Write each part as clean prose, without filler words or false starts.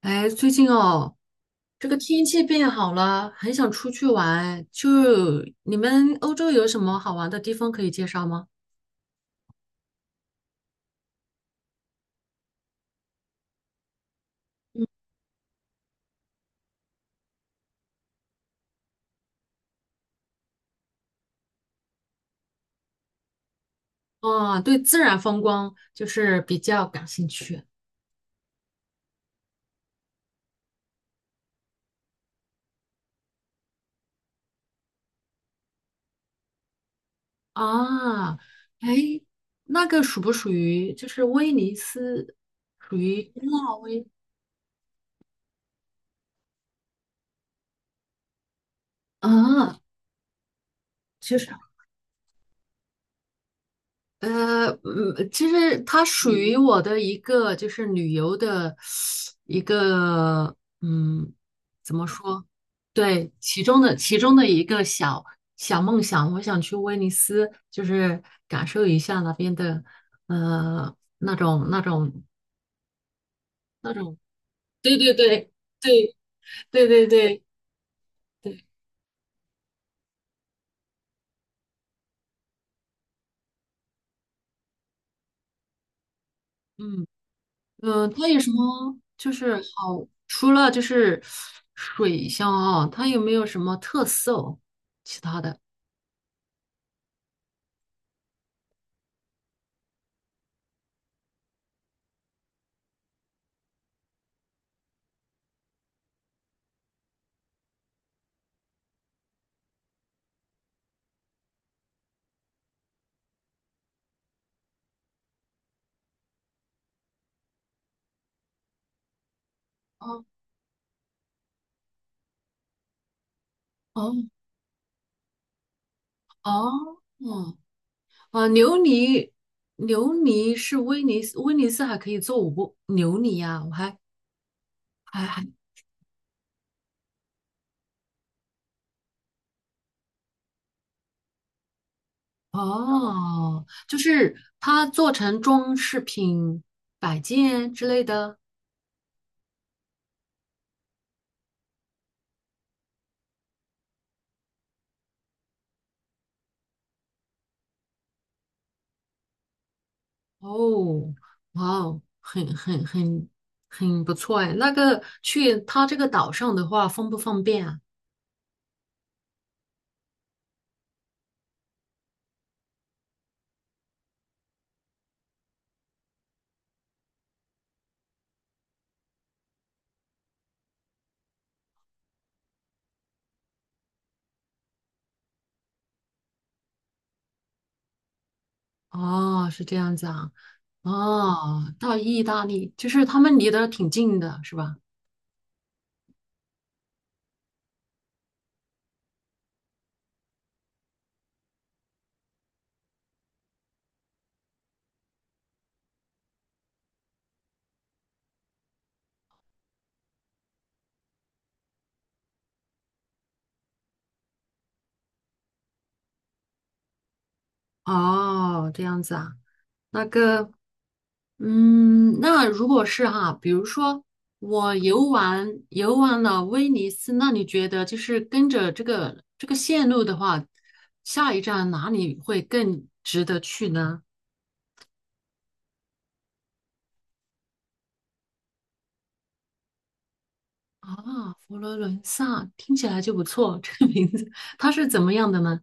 哎，最近哦，这个天气变好了，很想出去玩。就你们欧洲有什么好玩的地方可以介绍吗？啊，对，自然风光就是比较感兴趣啊。哎，那个属不属于就是威尼斯啊？纳威啊，就是其实它属于我的一个就是旅游的一个，怎么说？对，其中的一个小梦想，我想去威尼斯，就是感受一下那边的，呃，那种那种那种，对对对对对对对对，嗯。嗯，它有什么就是好？除了就是水乡啊，它有没有什么特色哦其他的？哦哦哦哦啊！琉璃，琉璃是威尼斯，威尼斯还可以做五不琉璃呀、我还哦，就是它做成装饰品、摆件之类的。哦，哇哦，很不错哎。那个去他这个岛上的话，方不方便啊？哦，是这样子啊。哦，到意大利就是他们离得挺近的，是吧？哦，这样子啊。那个，嗯，那如果是哈，比如说我游玩游玩了威尼斯，那你觉得就是跟着这个线路的话，下一站哪里会更值得去呢？啊，佛罗伦萨听起来就不错，这个名字它是怎么样的呢？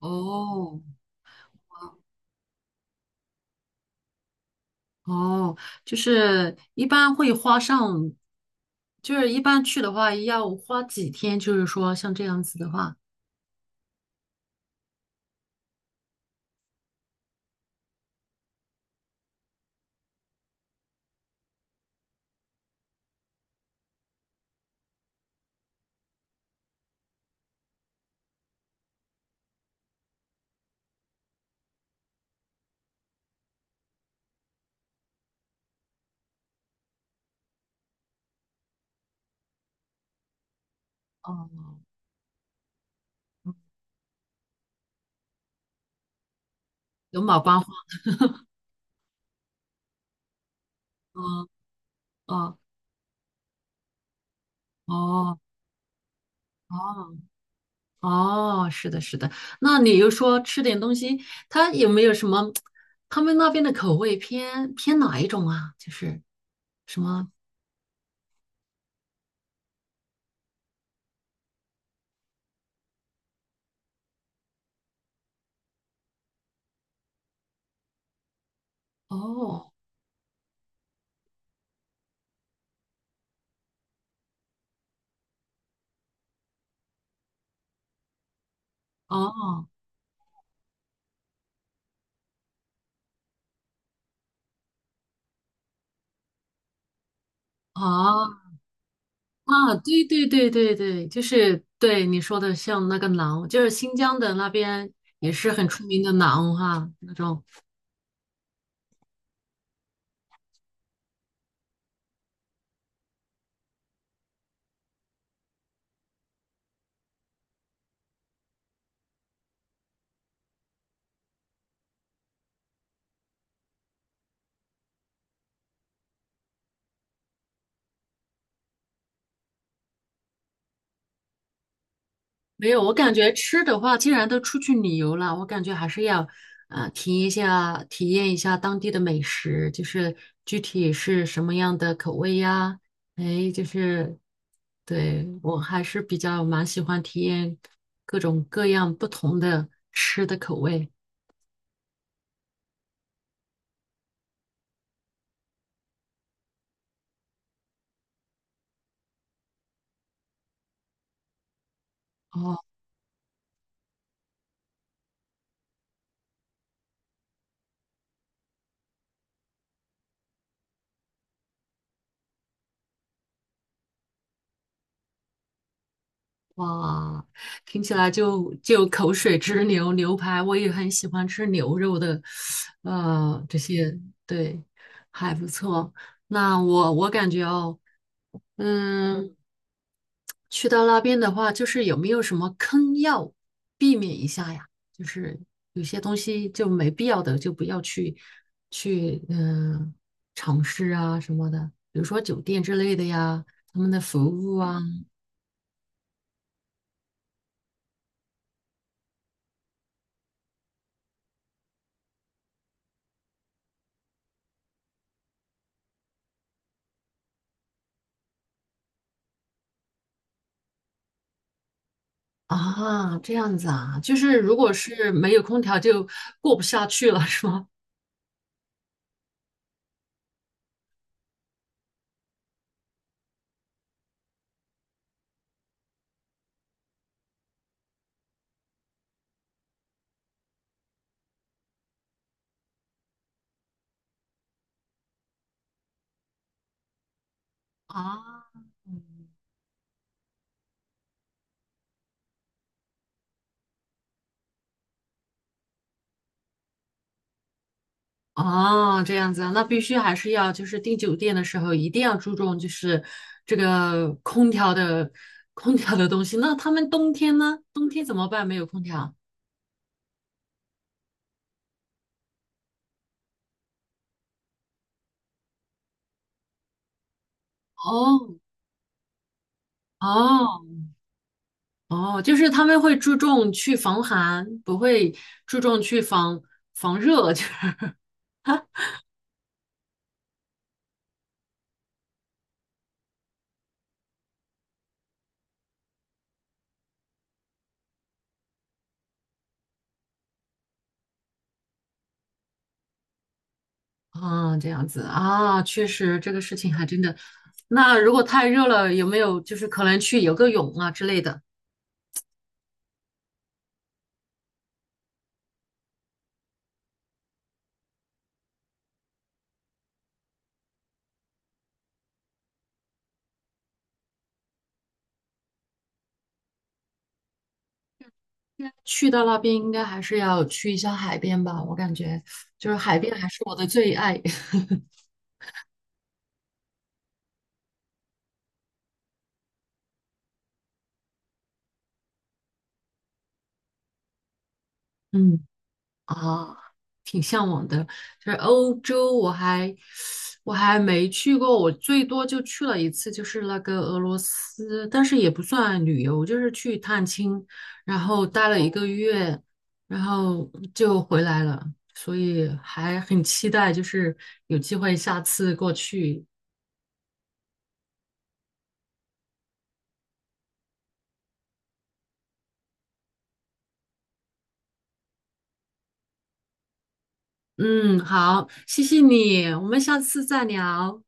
哦哦，就是一般会花上，就是一般去的话要花几天，就是说像这样子的话，哦，有马观花吗？哦哦哦哦，是的，是的。那你又说吃点东西，它有没有什么？他们那边的口味偏哪一种啊？就是什么？哦哦。哦，啊，对对对对对，就是对你说的，像那个馕，就是新疆的那边也是很出名的馕哈，那种。没有，我感觉吃的话，既然都出去旅游了，我感觉还是要体验一下，体验一下当地的美食，就是具体是什么样的口味呀？哎，就是对我还是比较蛮喜欢体验各种各样不同的吃的口味。哦。哇，听起来就口水直流。牛排我也很喜欢吃牛肉的，这些对，还不错。那我感觉哦，嗯，去到那边的话，就是有没有什么坑要避免一下呀？就是有些东西就没必要的，就不要去尝试啊什么的，比如说酒店之类的呀，他们的服务啊，啊，这样子啊，就是如果是没有空调就过不下去了，是吗？啊，嗯哦，这样子啊，那必须还是要就是订酒店的时候一定要注重就是这个空调的东西。那他们冬天呢？冬天怎么办？没有空调？哦哦哦，就是他们会注重去防寒，不会注重去防热，就是啊，这样子啊，确实这个事情还真的。那如果太热了，有没有就是可能去游个泳啊之类的？去到那边应该还是要去一下海边吧，我感觉就是海边还是我的最爱。嗯啊。就是欧洲，我还没去过，我最多就去了一次，就是那个俄罗斯，但是也不算旅游，就是去探亲，然后待了一个月，然后就回来了，所以还很期待，就是有机会下次过去。嗯，好，谢谢你，我们下次再聊。